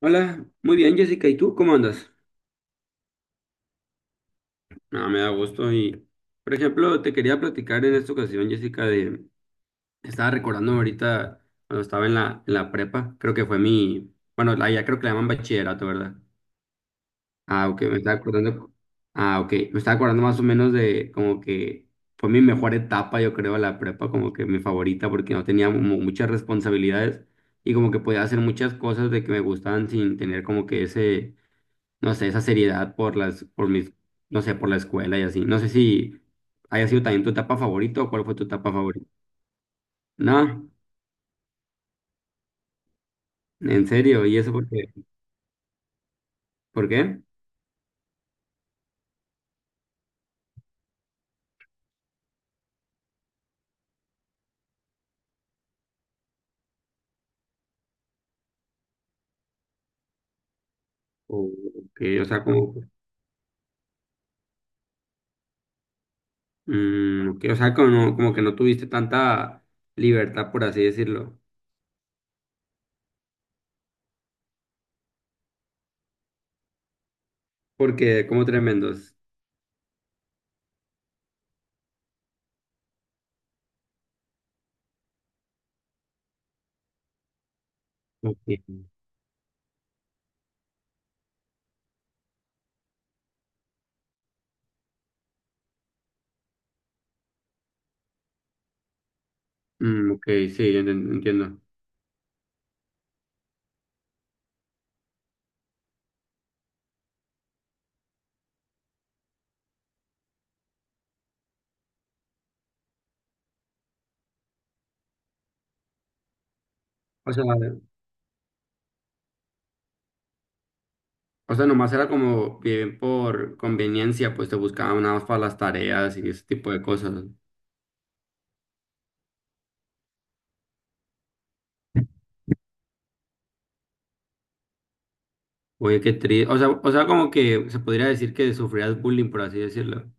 Hola, muy bien Jessica, ¿y tú cómo andas? No, me da gusto y, por ejemplo, te quería platicar en esta ocasión, Jessica, de, estaba recordando ahorita cuando estaba en la prepa, creo que fue mi, bueno, ya creo que la llaman bachillerato, ¿verdad? Ah, ok, me estaba acordando, ah, ok, me estaba acordando más o menos de como que fue mi mejor etapa, yo creo, la prepa, como que mi favorita, porque no tenía muchas responsabilidades y como que podía hacer muchas cosas de que me gustaban sin tener como que ese no sé, esa seriedad por las, por mis, no sé, por la escuela y así. No sé si haya sido también tu etapa favorita o cuál fue tu etapa favorita. No, en serio, ¿y eso por qué? ¿Por qué? O que, o sea, como, que, o sea, como, como que no tuviste tanta libertad, por así decirlo. Porque, como tremendos. Ok, mm, ok, sí, entiendo. O sea, o sea, nomás era como bien por conveniencia, pues te buscaban nada más para las tareas y ese tipo de cosas. Oye, qué triste. O sea, como que se podría decir que sufrías bullying, por así decirlo.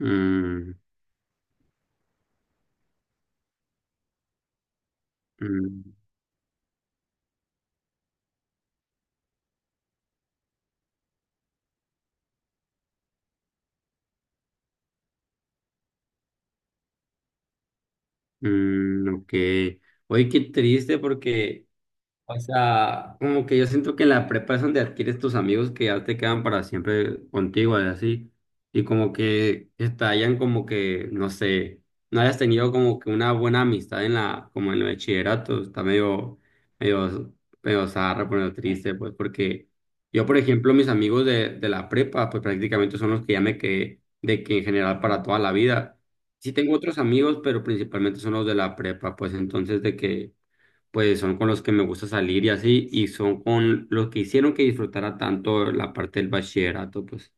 Mm, mm, mm, ok. Oye, qué triste porque o sea, como que yo siento que en la prepa es donde adquieres tus amigos que ya te quedan para siempre contigo, y así. Y como que estallan como que, no sé, no hayas tenido como que una buena amistad en la, como en el bachillerato. Está medio, medio, medio zarra, medio triste, pues, porque yo, por ejemplo, mis amigos de la prepa, pues prácticamente son los que ya me quedé, de que en general para toda la vida. Sí tengo otros amigos, pero principalmente son los de la prepa, pues entonces de que pues son con los que me gusta salir y así, y son con los que hicieron que disfrutara tanto la parte del bachillerato, pues.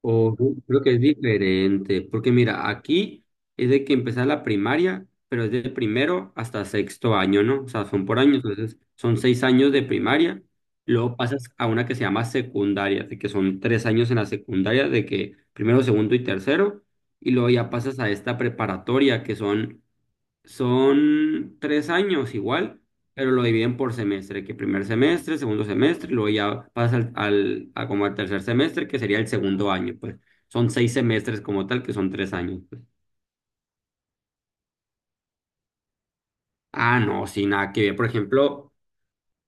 O creo que es diferente, porque mira, aquí es de que empezar la primaria, pero es de primero hasta sexto año, ¿no? O sea, son por años, entonces son seis años de primaria, luego pasas a una que se llama secundaria, de que son tres años en la secundaria, de que primero, segundo y tercero, y luego ya pasas a esta preparatoria, que son son tres años igual, pero lo dividen por semestre, que primer semestre, segundo semestre, y luego ya pasa al, a como al tercer semestre, que sería el segundo año, pues. Son seis semestres como tal, que son tres años, pues. Ah, no, sin nada que ver. Por ejemplo,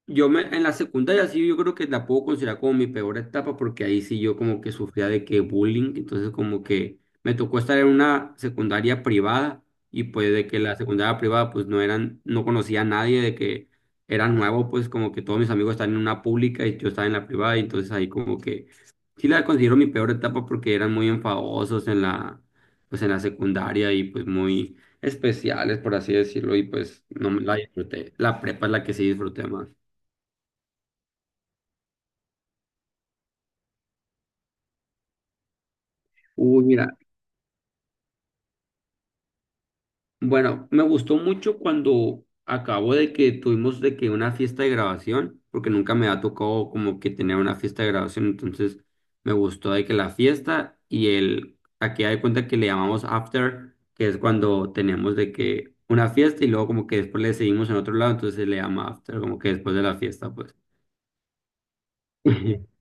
yo me, en la secundaria sí yo creo que la puedo considerar como mi peor etapa porque ahí sí yo como que sufría de que bullying, entonces como que me tocó estar en una secundaria privada y pues de que la secundaria privada pues no eran, no conocía a nadie, de que era nuevo pues como que todos mis amigos estaban en una pública y yo estaba en la privada y entonces ahí como que sí la considero mi peor etapa porque eran muy enfadosos en la, pues en la secundaria y pues muy especiales por así decirlo y pues no me la disfruté, la prepa es la que sí disfruté más. Uy, mira, bueno, me gustó mucho cuando acabo de que tuvimos de que una fiesta de grabación, porque nunca me ha tocado como que tener una fiesta de grabación, entonces me gustó de que la fiesta y el, aquí hay cuenta que le llamamos after, que es cuando tenemos de que una fiesta y luego como que después le seguimos en otro lado, entonces se le llama after, como que después de la fiesta, pues.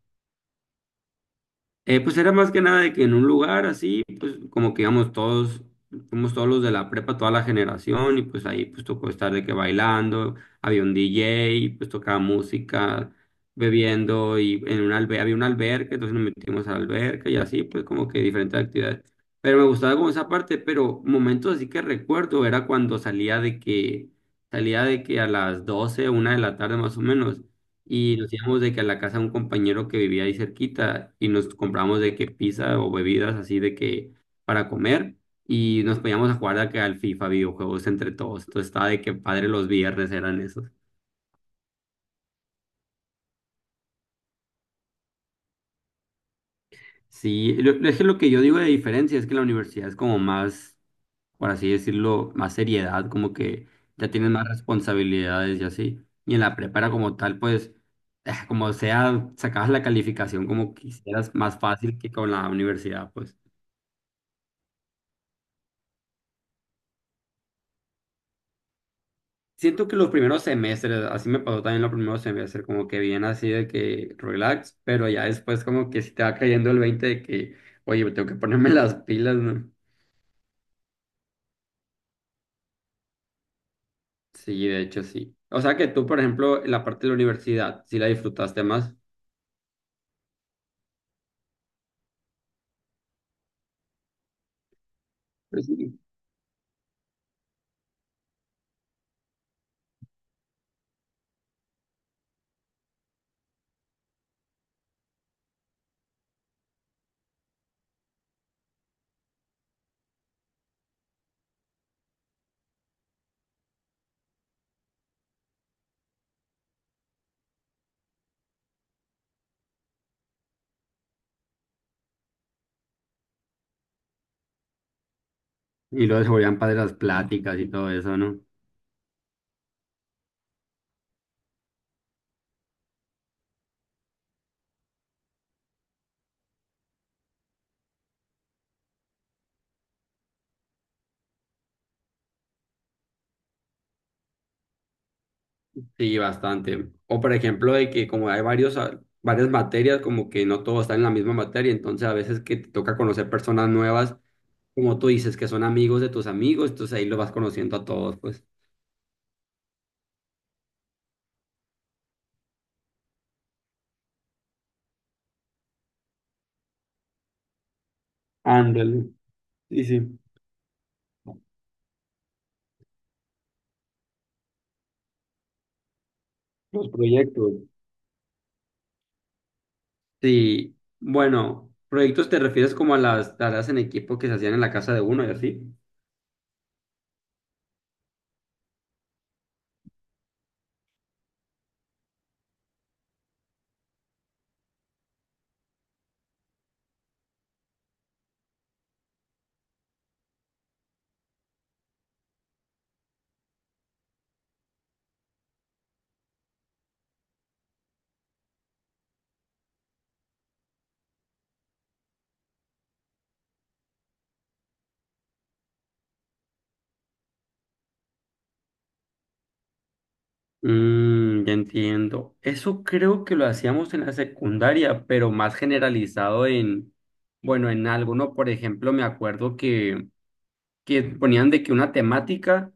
Pues era más que nada de que en un lugar así, pues como que íbamos todos, fuimos todos los de la prepa, toda la generación, y pues ahí pues tocó estar de que bailando, había un DJ, pues tocaba música, bebiendo, y en un albe había una alberca, entonces nos metimos a la alberca y así, pues como que diferentes actividades. Pero me gustaba como esa parte, pero momentos así que recuerdo era cuando salía de que a las 12 una de la tarde más o menos y nos íbamos de que a la casa de un compañero que vivía ahí cerquita y nos compramos de que pizza o bebidas así de que para comer y nos poníamos a jugar de que al FIFA videojuegos entre todos. Entonces estaba de que padre los viernes eran esos. Sí, es que lo que yo digo de diferencia es que la universidad es como más, por así decirlo, más seriedad, como que ya tienes más responsabilidades y así. Y en la prepara como tal, pues, como sea, sacabas la calificación como quisieras, más fácil que con la universidad, pues. Siento que los primeros semestres, así me pasó también los primeros semestres, como que bien así de que relax, pero ya después como que si te va cayendo el 20 de que, oye, tengo que ponerme las pilas, ¿no? Sí, de hecho sí. O sea que tú, por ejemplo, la parte de la universidad, sí la disfrutaste más. Pues sí. Y luego se volvían padres las pláticas y todo eso, ¿no? Sí, bastante. O por ejemplo, de que como hay varios, varias materias, como que no todo está en la misma materia, entonces a veces que te toca conocer personas nuevas como tú dices, que son amigos de tus amigos, entonces ahí lo vas conociendo a todos, pues. Ándale. Sí, sí. Los proyectos. Sí, bueno, proyectos te refieres como a las tareas en equipo que se hacían en la casa de uno y así. Mm, ya entiendo. Eso creo que lo hacíamos en la secundaria, pero más generalizado en, bueno, en algo, ¿no? Por ejemplo, me acuerdo que ponían de que una temática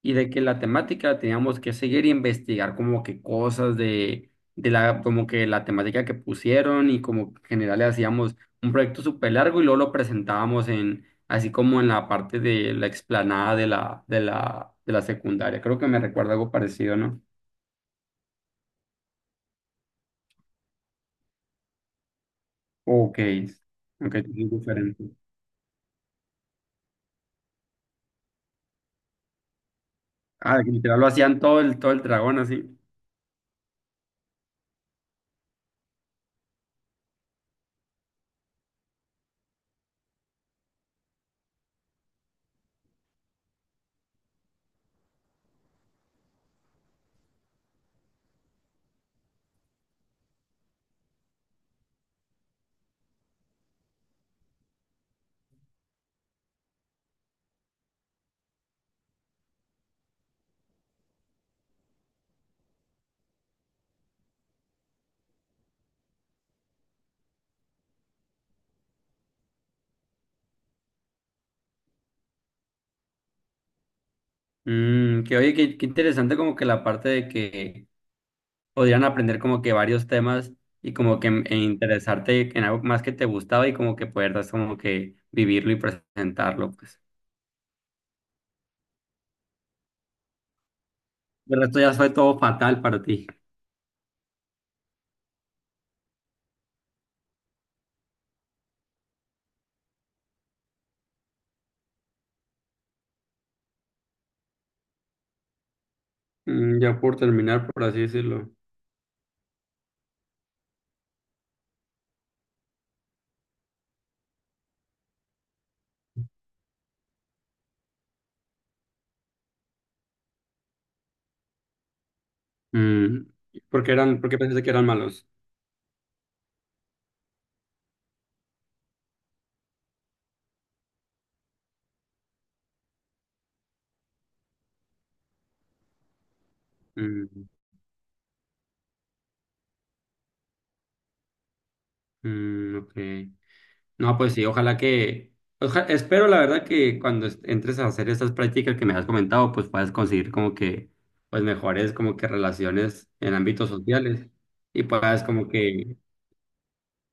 y de que la temática teníamos que seguir y investigar como que cosas de la, como que la temática que pusieron y como que en general le hacíamos un proyecto súper largo y luego lo presentábamos en, así como en la parte de la explanada de la secundaria. Creo que me recuerda algo parecido, ¿no? Ok, ok, es diferente. Ah, que literal lo hacían todo el dragón así. Mm, que oye, que qué interesante como que la parte de que podrían aprender como que varios temas y como que e interesarte en algo más que te gustaba y como que puedas como que vivirlo y presentarlo, pues. De resto ya fue todo fatal para ti. Mm, ya por terminar, por así decirlo. Mm, ¿por qué eran, por qué pensaste que eran malos? Mm, mm, ok. No, pues sí, ojalá que... espero la verdad que cuando entres a hacer estas prácticas que me has comentado, pues puedas conseguir como que, pues mejores como que relaciones en ámbitos sociales y puedas como que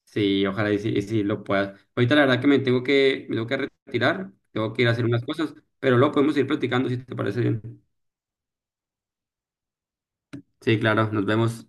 sí, ojalá y sí lo puedas. Ahorita la verdad que me tengo que retirar, tengo que ir a hacer unas cosas, pero luego podemos ir platicando si te parece bien. Sí, claro, nos vemos.